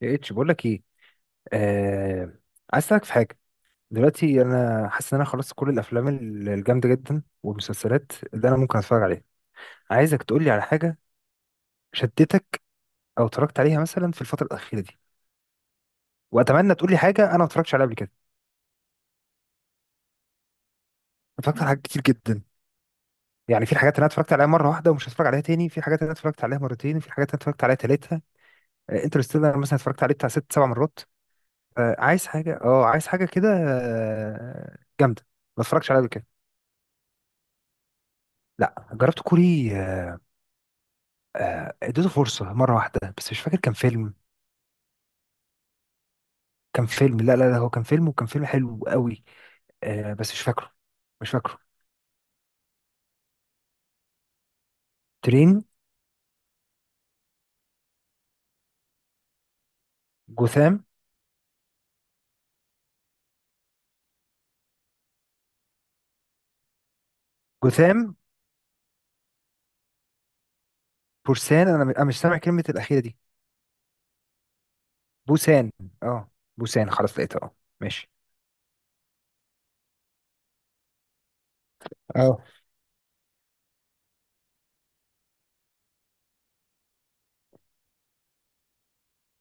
يا اتش، بقول لك ايه. آه... عايز اسالك في حاجه. دلوقتي انا حاسس ان انا خلصت كل الافلام الجامده جدا والمسلسلات اللي انا ممكن اتفرج عليها. عايزك تقول لي على حاجه شدتك او اتفرجت عليها مثلا في الفتره الاخيره دي، واتمنى تقول لي حاجه انا ما اتفرجتش عليها قبل كده. اتفرجت على حاجات كتير جدا. يعني في حاجات انا اتفرجت عليها مره واحده ومش هتفرج عليها تاني، في حاجات انا اتفرجت عليها مرتين، وفي حاجات انا اتفرجت عليها تالتها. انترستيلر مثلا اتفرجت عليه بتاع ست سبع مرات. عايز حاجه، كده، جامده، ما اتفرجش عليها قبل كده. لا، جربت كوري اديته فرصة مرة واحدة بس مش فاكر كان فيلم. كان فيلم، لا، لا، لا، هو كان فيلم، وكان فيلم حلو قوي. بس مش فاكره. مش فاكره. ترين. جوثام. جوثام. بورسان، أنا مش سامع كلمة الأخيرة دي. بوسان. اه، بوسان، خلاص لقيتها، اه. ماشي. اه،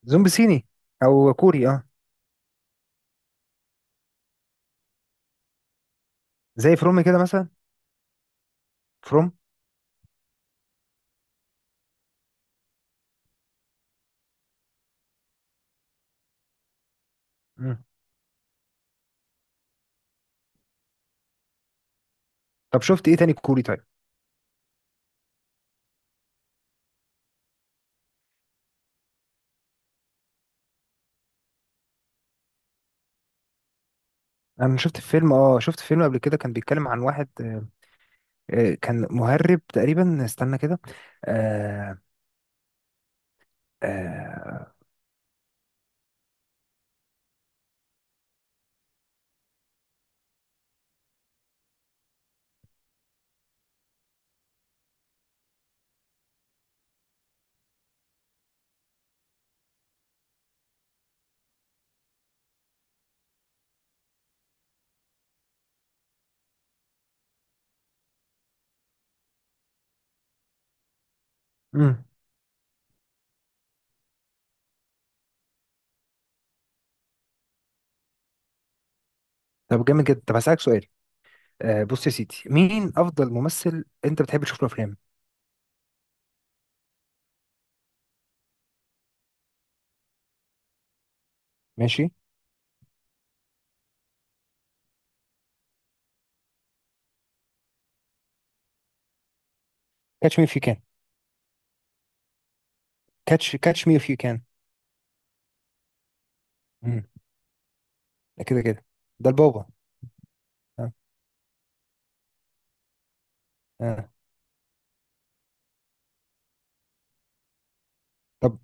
زومبي صيني او كوري، اه. زي فروم كده مثلا. فروم. مم. طب شفت ايه تاني كوري طيب؟ انا شفت فيلم، قبل كده كان بيتكلم عن واحد كان مهرب تقريبا، استنى كده. آه. آه. مم. طب جامد جدا، طب هسألك سؤال. بص يا سيدي، مين افضل ممثل انت بتحب تشوف له افلام؟ ماشي. كاتش مي اف يو كان. كاتش مي اف يو كان. مم. ده كده كده. ده البابا. آه. آه. طب.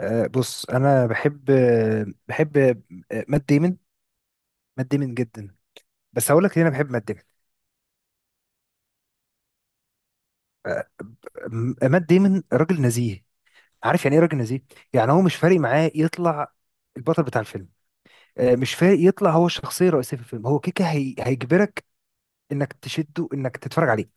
بص، انا بحب مات ديمون. مات ديمون جدا. بس هقول لك ليه انا بحب مات ديمون. مات ديمون راجل نزيه. عارف يعني ايه راجل نزيه؟ يعني هو مش فارق معاه يطلع البطل بتاع الفيلم. مش فارق يطلع هو الشخصيه الرئيسيه في الفيلم، هو كيكه، هيجبرك انك تشده، انك تتفرج عليه.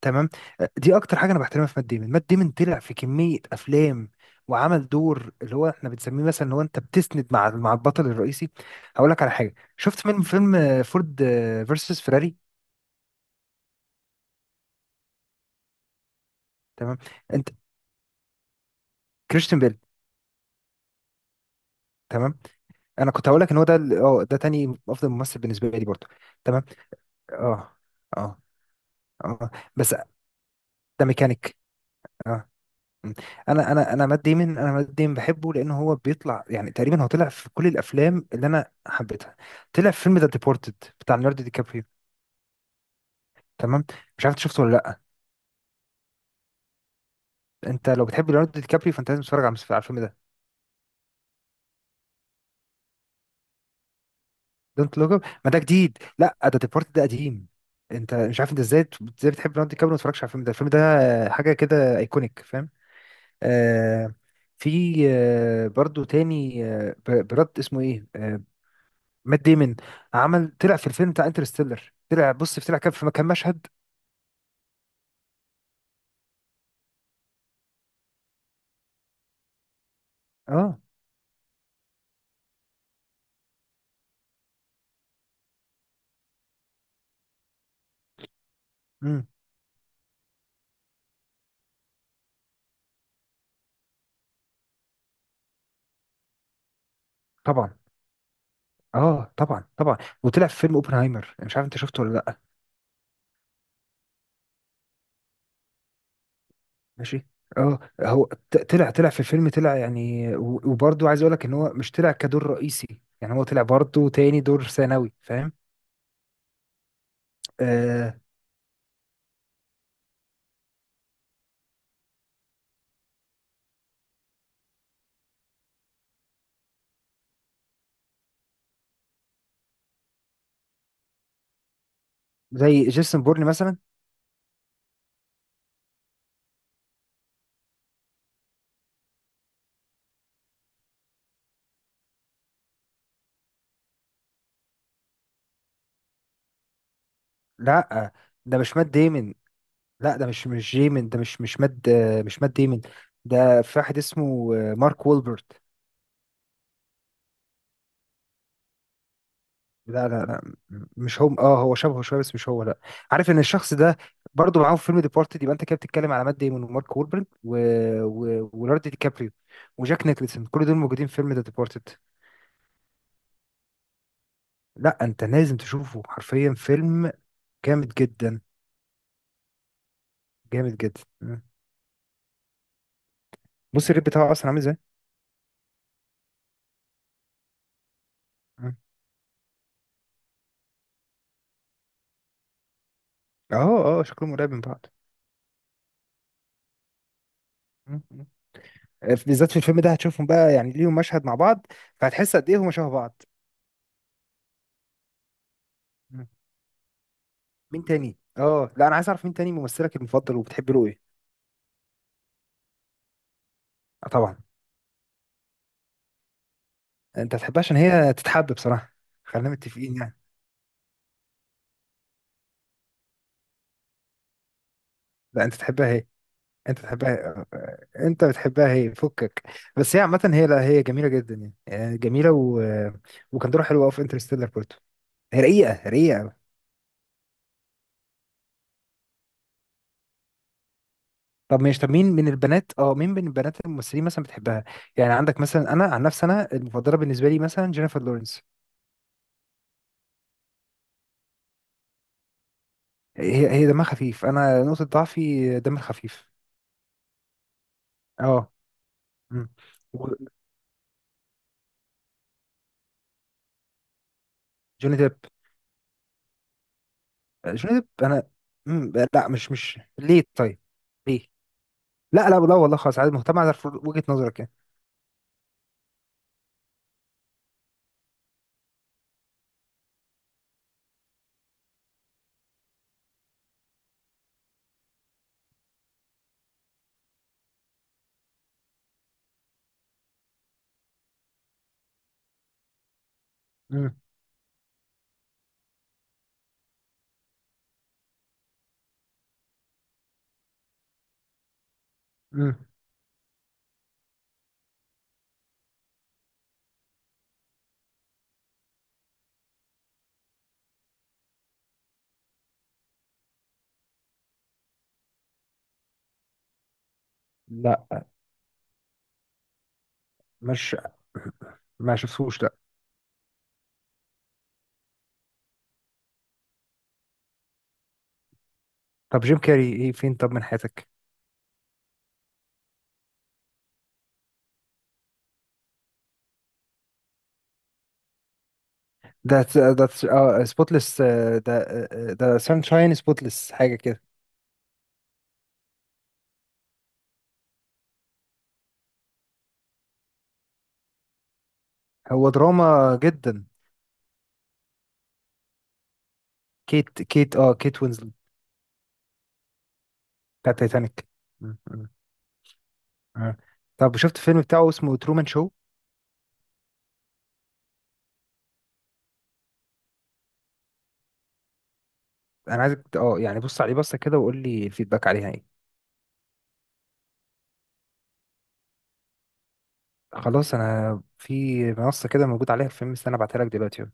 تمام. دي اكتر حاجه انا بحترمها في مات ديمون. مات ديمون طلع في كميه افلام وعمل دور اللي هو احنا بنسميه مثلا ان هو انت بتسند مع البطل الرئيسي. هقول لك على حاجه، شفت فيلم فورد فيرسس فيراري؟ تمام. انت. كريستيان بيل. تمام. انا كنت هقول لك ان هو ده ده تاني افضل ممثل بالنسبه لي برضه. تمام. اه. اه. اه، بس ده ميكانيك. آه. مم. انا انا انا مات ديمن انا مات ديمن بحبه لان هو بيطلع يعني تقريبا هو طلع في كل الافلام اللي انا حبيتها. طلع في فيلم ذا ديبورتد بتاع ليوناردو دي كابريو. تمام. مش عارف إنت شفته ولا لا. انت لو بتحب ليوناردو دي كابريو، فانت لازم تتفرج على الفيلم ده. دونت لوك اب؟ ما ده جديد، لا، ده ديبورتد، ده قديم. انت مش عارف انت ازاي، بتحب ليوناردو دي كابريو وما تتفرجش على الفيلم ده؟ الفيلم ده حاجه كده ايكونيك، فاهم؟ آه. في برضو تاني، براد اسمه ايه، آه. مات ديمون. طلع في الفيلم بتاع انترستيلر. طلع، بص، طلع كان في كان مشهد. اه. امم. طبعا. اه، طبعا، طبعا. وطلع في فيلم اوبنهايمر، مش عارف انت شفته ولا لا. ماشي. اه، هو طلع في الفيلم، طلع يعني، وبرضه عايز اقول لك ان هو مش طلع كدور رئيسي، يعني هو طلع برضه تاني دور ثانوي، فاهم؟ آه. زي جيسون بورن مثلا. لا، ده مش مات ديمون. لا، ده مش ديمون، ده مش مات ديمون. ده في واحد اسمه مارك وولبرت. لا، لا، لا. مش هو، هو شبهه شويه بس مش هو، لا. عارف ان الشخص ده برضه معاهم في فيلم ديبارتد؟ يبقى انت كده بتتكلم على مات ديمون ومارك وولبرن وليوناردو دي كابريو وجاك نيكلسون، كل دول موجودين في فيلم ذا ديبارتد. لا، انت لازم تشوفه حرفيا، فيلم جامد جدا، جامد جدا. م. بص الريت بتاعه اصلا عامل ازاي؟ م. اه، اه، شكلهم قريب من بعض. م. م. بالذات في الفيلم ده هتشوفهم بقى، يعني ليهم مشهد مع بعض، فهتحس قد ايه هما شبه بعض. م. مين تاني اه لا، انا عايز اعرف مين تاني ممثلك المفضل وبتحب له ايه؟ طبعا. انت تحبها عشان هي تتحب بصراحه. خلينا متفقين يعني. لا، انت تحبها هي. انت تحبها هي. انت بتحبها هي، فكك. بس هي عامه، هي، لا، هي جميله جدا يعني، جميله وكان دورها حلو قوي في انترستيلر برضه. هي رقيقه رقيقه قوي. طب مش، مين من البنات، الممثلين مثلا بتحبها؟ يعني عندك مثلا، انا عن نفسي انا المفضله بالنسبه لي مثلا جينيفر لورنس. هي دمها خفيف، انا نقطه ضعفي دم الخفيف. اه. مم. وجوني ديب. جوني ديب، انا. لا، مش ليه طيب. ليه؟ لا، لا، لا، والله، خلاص عادي، مهتم اعرف وجهة نظرك يعني. مم. مم. لا، مش، ما شفتوش، لا. طب جيم كاري ايه، فين طب من حياتك؟ ده ده سبوتلess. ده سانشاين سبوتلess حاجة كده. هو دراما جدا. كيت وينزلت. بتاع تايتانيك. مم. مم. آه. طب شفت فيلم بتاعه اسمه ترومان شو؟ انا عايزك يعني بص عليه بصة كده وقول لي الفيدباك عليها ايه. خلاص، انا في منصه كده موجود عليها الفيلم، استنى ابعتها لك دلوقتي.